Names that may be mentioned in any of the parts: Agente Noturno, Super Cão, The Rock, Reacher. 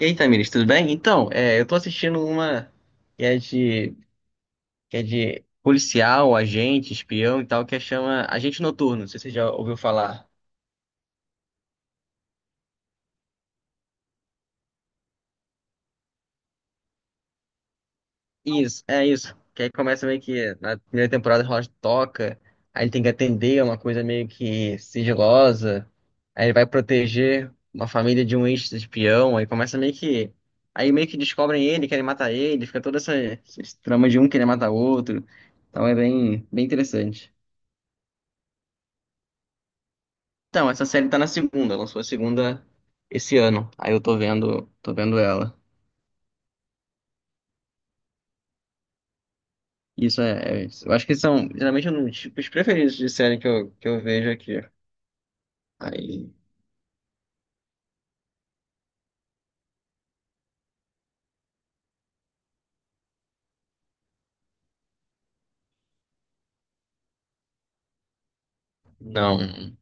E aí, Tamiris, tudo bem? Então, eu tô assistindo uma que é de, que é de policial, agente, espião e tal, que é chama Agente Noturno, não sei se você já ouviu falar. Isso, é isso. Que aí começa meio que na primeira temporada rola de toca, aí ele tem que atender a uma coisa meio que sigilosa, aí ele vai proteger uma família de um ex-espião, aí começa meio que. Aí meio que descobrem ele, querem matar ele, fica toda essa trama de um querer matar o outro. Então é bem interessante. Então, essa série tá na segunda, lançou a segunda esse ano. Aí eu tô vendo ela. Isso. Eu acho que são geralmente um dos tipos preferidos de série que eu vejo aqui. Aí, não.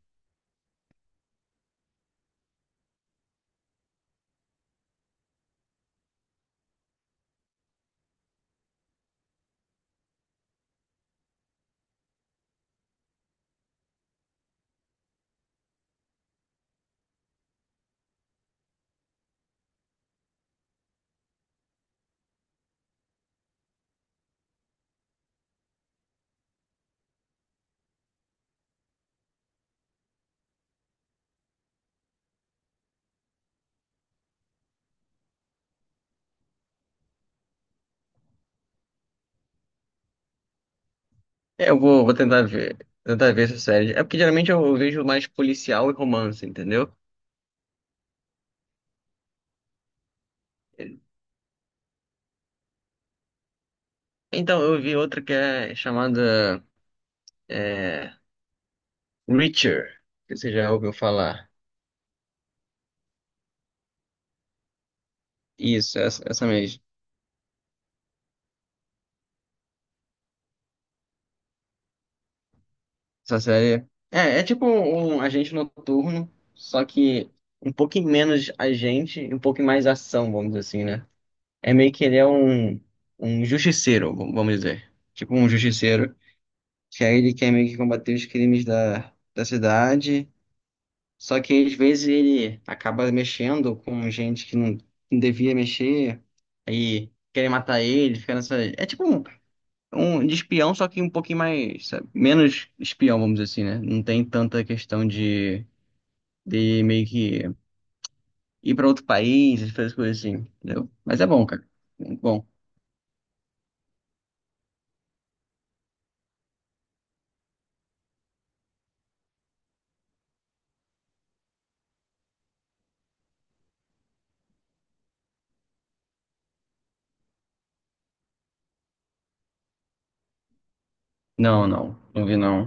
É, vou tentar ver essa série. É porque geralmente eu vejo mais policial e romance, entendeu? Então, eu vi outra que é chamada é, Reacher, que você já ouviu falar. Isso, essa mesmo. Essa série. É, é tipo um agente noturno, só que um pouquinho menos agente e um pouquinho mais ação, vamos dizer assim, né? É meio que ele é um, um justiceiro, vamos dizer. Tipo um justiceiro, que aí ele quer meio que combater os crimes da cidade, só que às vezes ele acaba mexendo com gente que não, não devia mexer, aí querem matar ele, fica nessa. É tipo um um de espião, só que um pouquinho mais, sabe, menos espião, vamos dizer assim, né? Não tem tanta questão de meio que ir pra outro país, essas coisas assim, entendeu? Mas é bom, cara. Muito bom. Não, não, não vi não.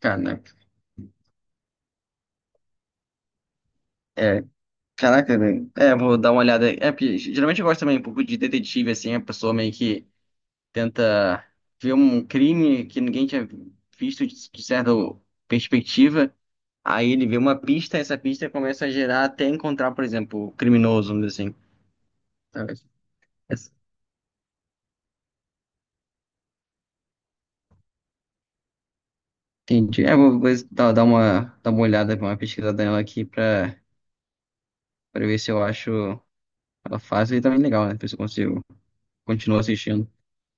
Caraca. É, caraca, velho. É, vou dar uma olhada aí. É, porque geralmente eu gosto também um pouco de detetive, assim, a pessoa meio que tenta ver um crime que ninguém tinha visto de certa perspectiva. Aí ele vê uma pista, essa pista começa a gerar até encontrar, por exemplo, o criminoso, vamos dizer assim. Talvez. Essa- Entendi. É, vou dar uma olhada, uma pesquisada nela aqui pra ver se eu acho ela fácil e também legal, né? Pra ver se eu consigo continuar assistindo.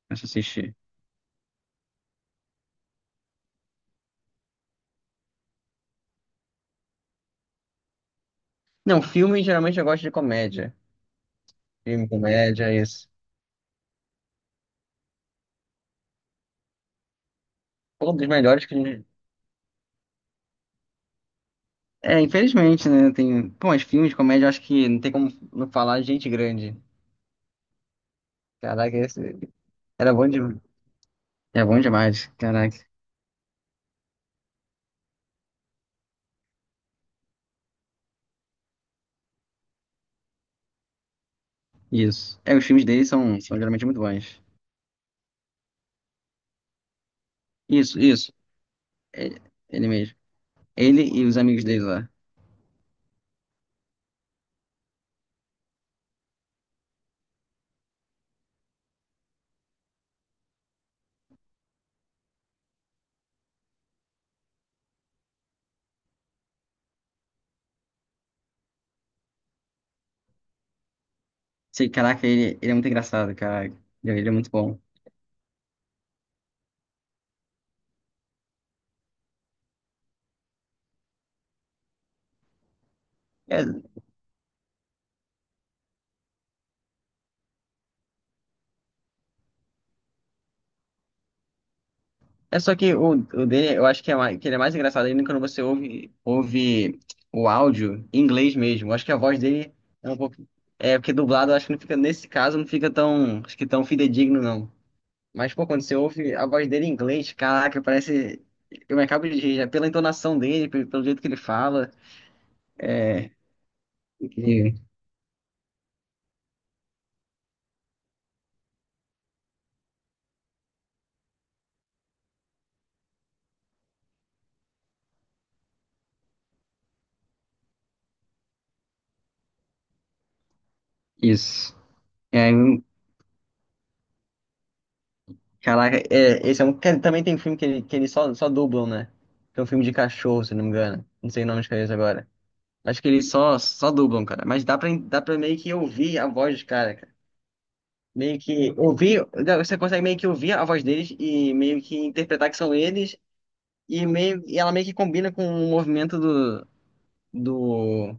Começo a assistir. Não, filme geralmente eu gosto de comédia. Filme, comédia, isso. Um dos melhores que a gente... É, infelizmente, né? Tem... Pô, mas filmes de comédia eu acho que não tem como não falar de gente grande. Caraca, esse... era bom demais. É bom demais, caraca. Isso. É, os filmes dele são, são geralmente muito bons. Isso, isso. Ele, ele mesmo. Ele e os amigos dele lá. Sei, caraca, ele é muito engraçado, cara. Ele é muito bom. É, é só que o dele, eu acho que, é mais, que ele é mais engraçado ainda quando você ouve o áudio em inglês mesmo. Eu acho que a voz dele é um pouco. É, porque dublado eu acho que não fica, nesse caso, não fica tão, acho que tão fidedigno, não. Mas, pô, quando você ouve a voz dele em inglês, caraca, parece. Eu me acabo de rir, já pela entonação dele, pelo jeito que ele fala. É, incrível. Isso. E aí, caraca, é, esse é um também tem um filme que eles só dublam, né? Tem um filme de cachorro, se não me engano. Não sei o nome de cabeça agora. Acho que eles só dublam, cara. Mas dá dá pra meio que ouvir a voz dos caras, cara. Meio que ouvir. Você consegue meio que ouvir a voz deles e meio que interpretar que são eles. E, meio, e ela meio que combina com o movimento do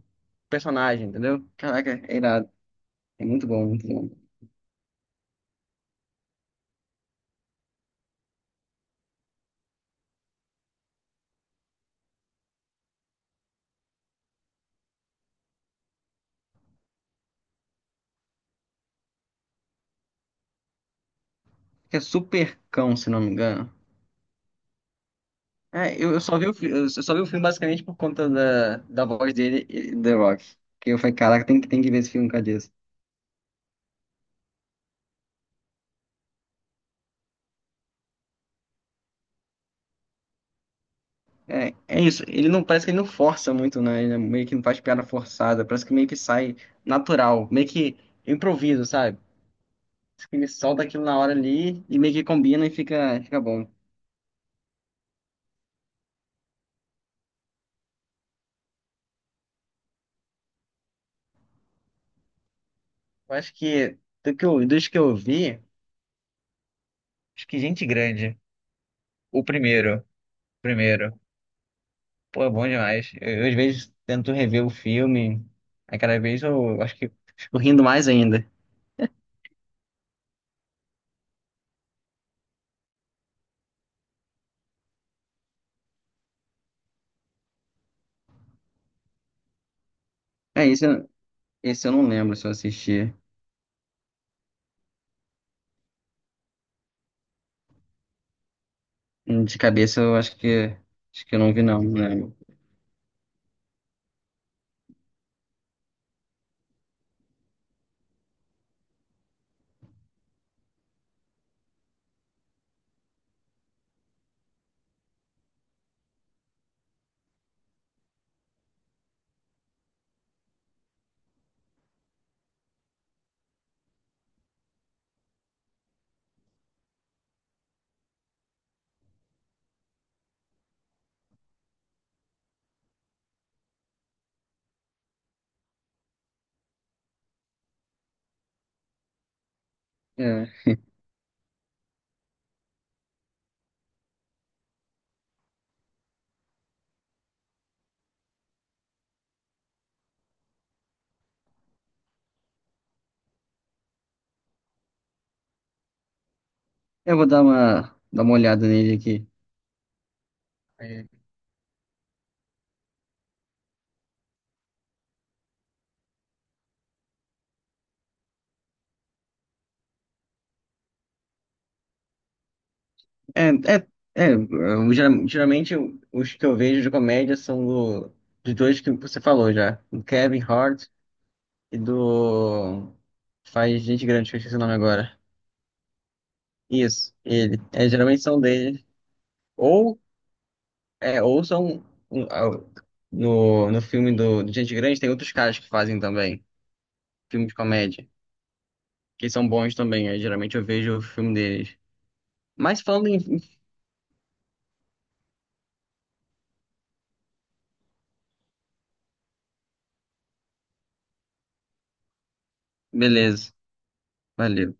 personagem, entendeu? Caraca, é irado. É muito bom, muito bom. Acho que é Super Cão, se não me engano. É, eu só vi eu só vi o filme basicamente por conta da voz dele, e The Rock. Que eu falei, caraca, tem que ver esse filme com a Jess. É, é isso, ele não parece que ele não força muito, né? Ele é meio que não faz piada forçada, parece que meio que sai natural, meio que improviso, sabe? Parece que ele solta aquilo na hora ali e meio que combina e fica, fica bom. Eu acho que do que eu, dos que eu vi, acho que Gente Grande, o primeiro, o primeiro. Pô, é bom demais. Eu, às vezes, tento rever o filme. Aí, cada vez, eu acho que fico rindo mais ainda. É, isso, esse eu não lembro se eu assisti. De cabeça, eu acho acho que eu não vi, não. Não lembro. É, eu vou dar uma olhada nele aqui. É, é, é, eu geralmente os que eu vejo de comédia são dos dois que você falou já, do Kevin Hart e do faz Gente Grande, que eu esqueci o nome agora. Isso, ele. É, geralmente são dele. Ou, é, ou são um, ah, no, no filme do Gente Grande tem outros caras que fazem também. Filme de comédia. Que são bons também. Aí, geralmente eu vejo o filme deles. Mas falando em... Beleza. Valeu.